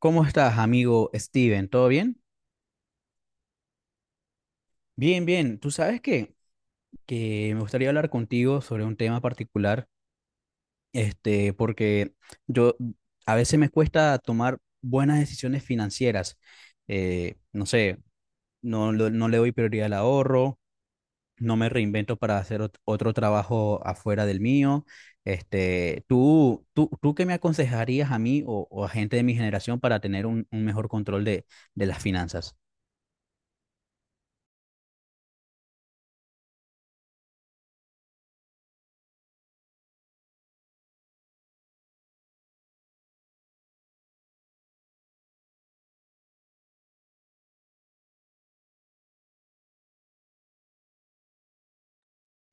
¿Cómo estás, amigo Steven? ¿Todo bien? Bien, bien. Tú sabes que me gustaría hablar contigo sobre un tema particular, porque yo a veces me cuesta tomar buenas decisiones financieras. No sé, no, no le doy prioridad al ahorro, no me reinvento para hacer otro trabajo afuera del mío. Este, ¿tú qué me aconsejarías a mí o a gente de mi generación para tener un mejor control de las finanzas?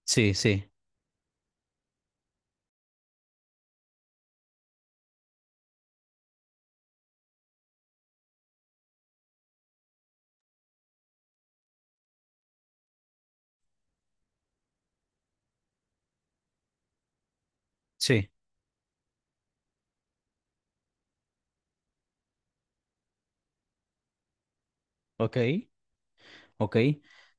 Sí, sí, sí. Ok, ok.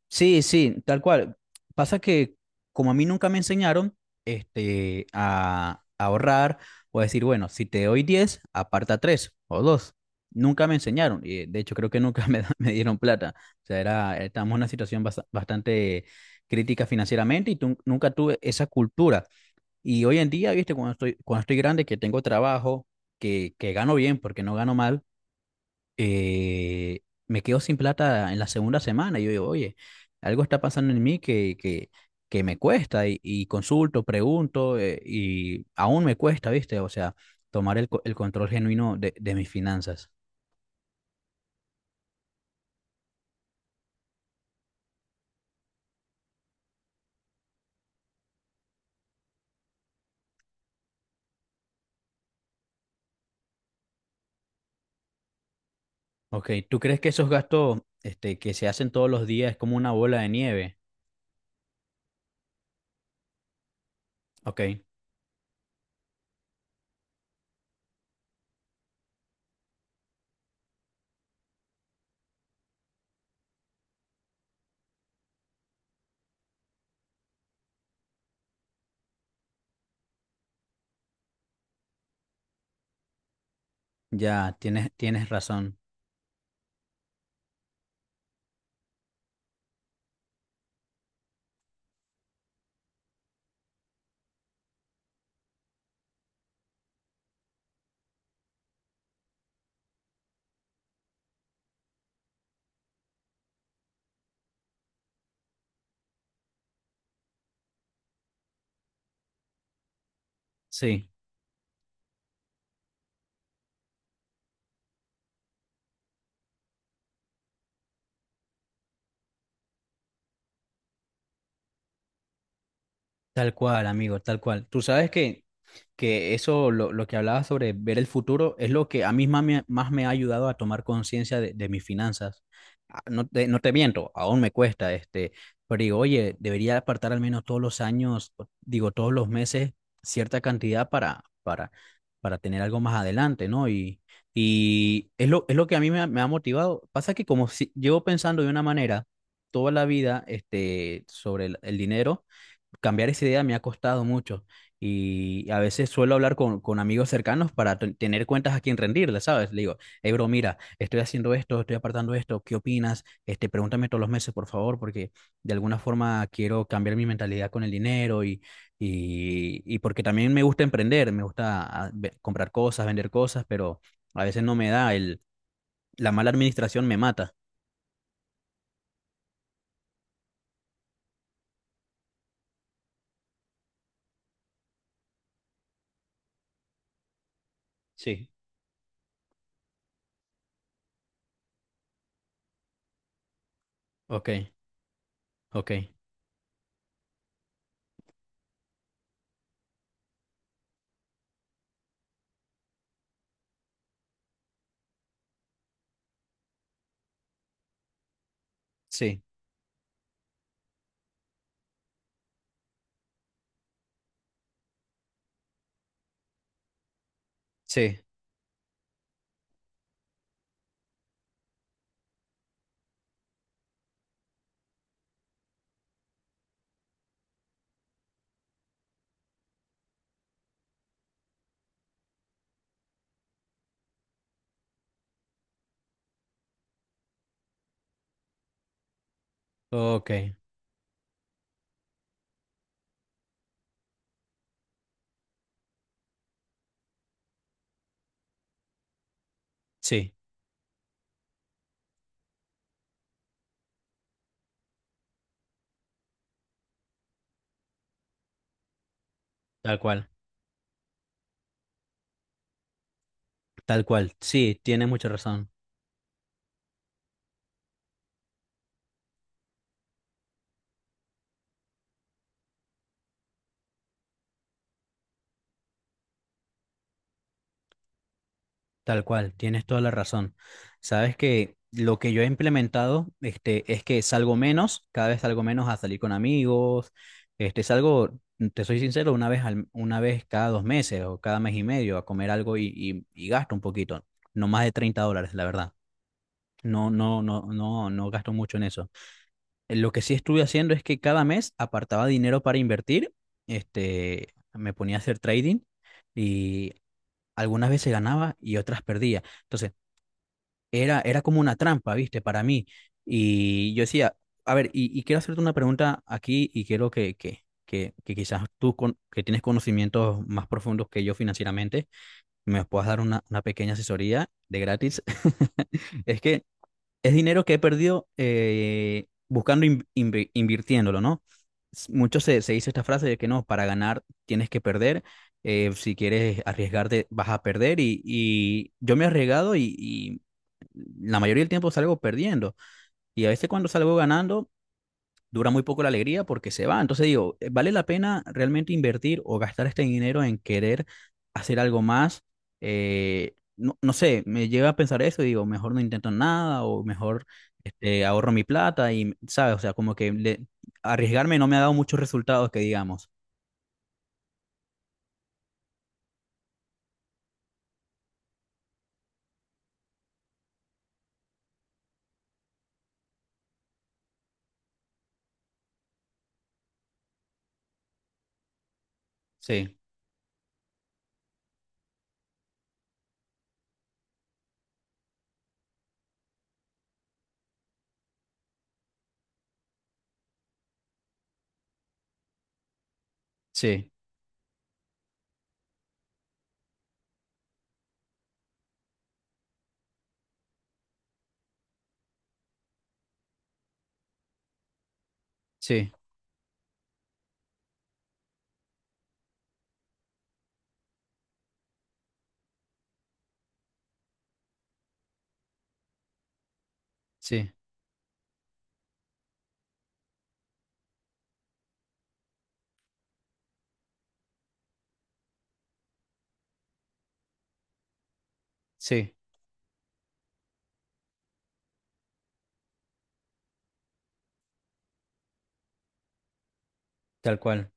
Sí, sí, tal cual. Pasa que como a mí nunca me enseñaron este, a ahorrar o a decir, bueno, si te doy 10, aparta 3 o 2. Nunca me enseñaron. Y de hecho creo que nunca me, da- me dieron plata. O sea, era, estábamos en una situación bastante crítica financieramente y nunca tuve esa cultura. Y hoy en día, viste, cuando estoy grande, que tengo trabajo, que gano bien porque no gano mal eh, me quedo sin plata en la segunda semana. Y yo digo, oye, algo está pasando en mí que me cuesta y consulto, pregunto y aún me cuesta, ¿viste? O sea, tomar el, el control genuino de mis finanzas. Ok, ¿tú crees que esos gastos este, que se hacen todos los días es como una bola de nieve? Ok, ya, tienes, tienes razón. Sí, tal cual, amigo, tal cual. Tú sabes que eso, lo que hablaba sobre ver el futuro, es lo que a mí más me ha ayudado a tomar conciencia de mis finanzas. Ah, no te, no te miento, aún me cuesta, este, pero digo, oye, debería apartar al menos todos los años, o- digo, todos los meses, cierta cantidad para tener algo más adelante, ¿no? Y es lo que a mí me ha motivado. Pasa que como si, llevo pensando de una manera toda la vida, este, sobre el dinero, cambiar esa idea me ha costado mucho y a veces suelo hablar con amigos cercanos para tener cuentas a quien rendirle, ¿sabes? Le digo, hey, bro, mira, estoy haciendo esto, estoy apartando esto, ¿qué opinas? Este, pregúntame todos los meses, por favor, porque de alguna forma quiero cambiar mi mentalidad con el dinero y porque también me gusta emprender, me gusta ve- comprar cosas, vender cosas, pero a veces no me da, el, la mala administración me mata. Sí, ok, ok, sí, sí, ok, sí, tal cual. Tal cual, sí, tienes mucha razón, tal cual, tienes toda la razón. Sabes que lo que yo he implementado, este, es que salgo menos, cada vez salgo menos a salir con amigos, este, salgo, te soy sincero, una vez cada dos meses o cada mes y medio a comer algo y gasto un poquito, no más de $30, la verdad. No, no, no, no, no gasto mucho en eso. Lo que sí estuve haciendo es que cada mes apartaba dinero para invertir, este, me ponía a hacer trading. Y algunas veces ganaba y otras perdía. Entonces, era, era como una trampa, ¿viste? Para mí. Y yo decía, a ver, y quiero hacerte una pregunta aquí y quiero que quizás tú, con- que tienes conocimientos más profundos que yo financieramente, me puedas dar una pequeña asesoría de gratis. Es que es dinero que he perdido buscando, in- invi- invirtiéndolo, ¿no? S- Mucho se, se dice esta frase de que no, para ganar tienes que perder, si quieres arriesgarte vas a perder y yo me he arriesgado y la mayoría del tiempo salgo perdiendo y a veces cuando salgo ganando dura muy poco la alegría porque se va. Entonces digo, ¿vale la pena realmente invertir o gastar este dinero en querer hacer algo más? No, no sé, me lleva a pensar eso y digo, mejor no intento nada o mejor este, ahorro mi plata y, ¿sabes? O sea, como que le- arriesgarme no me ha dado muchos resultados que digamos. Sí, sí, sí, sí, sí, tal cual,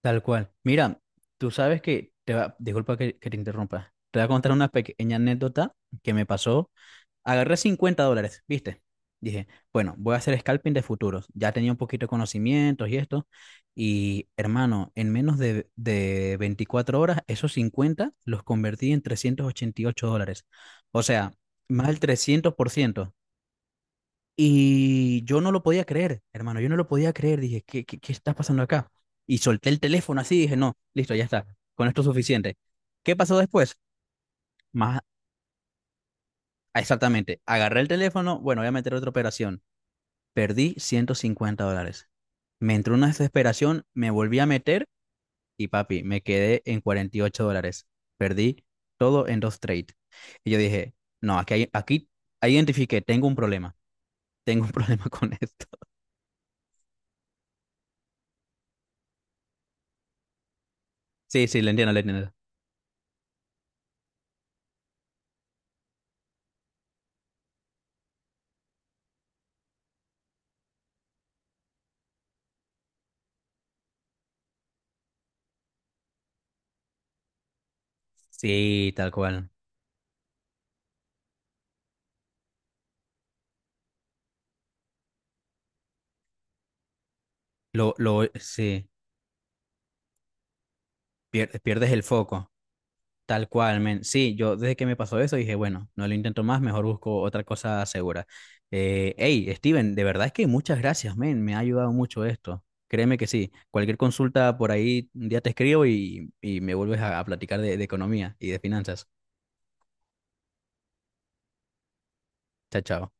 tal cual. Mira, tú sabes que, te va- disculpa que te interrumpa, te voy a contar una pequeña anécdota que me pasó. Agarré $50, ¿viste? Dije, bueno, voy a hacer scalping de futuros. Ya tenía un poquito de conocimientos y esto. Y hermano, en menos de 24 horas, esos 50 los convertí en 388 dólares. O sea, más del 300%. Y yo no lo podía creer, hermano, yo no lo podía creer. Dije, ¿qué, qué, qué está pasando acá? Y solté el teléfono así, dije, no, listo, ya está. Con esto es suficiente. ¿Qué pasó después? Más exactamente, agarré el teléfono, bueno, voy a meter otra operación. Perdí $150. Me entró una desesperación, me volví a meter y papi, me quedé en $48. Perdí todo en dos trades. Y yo dije, no, aquí, hay- aquí ahí identifiqué, tengo un problema, tengo un problema con esto. Sí, sí, lo entiendo, lo entiendo. Sí, tal cual. Lo, sí, pier- pierdes el foco. Tal cual, men. Sí, yo desde que me pasó eso dije, bueno, no lo intento más, mejor busco otra cosa segura. Hey, Steven, de verdad es que muchas gracias, men. Me ha ayudado mucho esto. Créeme que sí. Cualquier consulta por ahí, un día te escribo y me vuelves a platicar de economía y de finanzas. Chao, chao.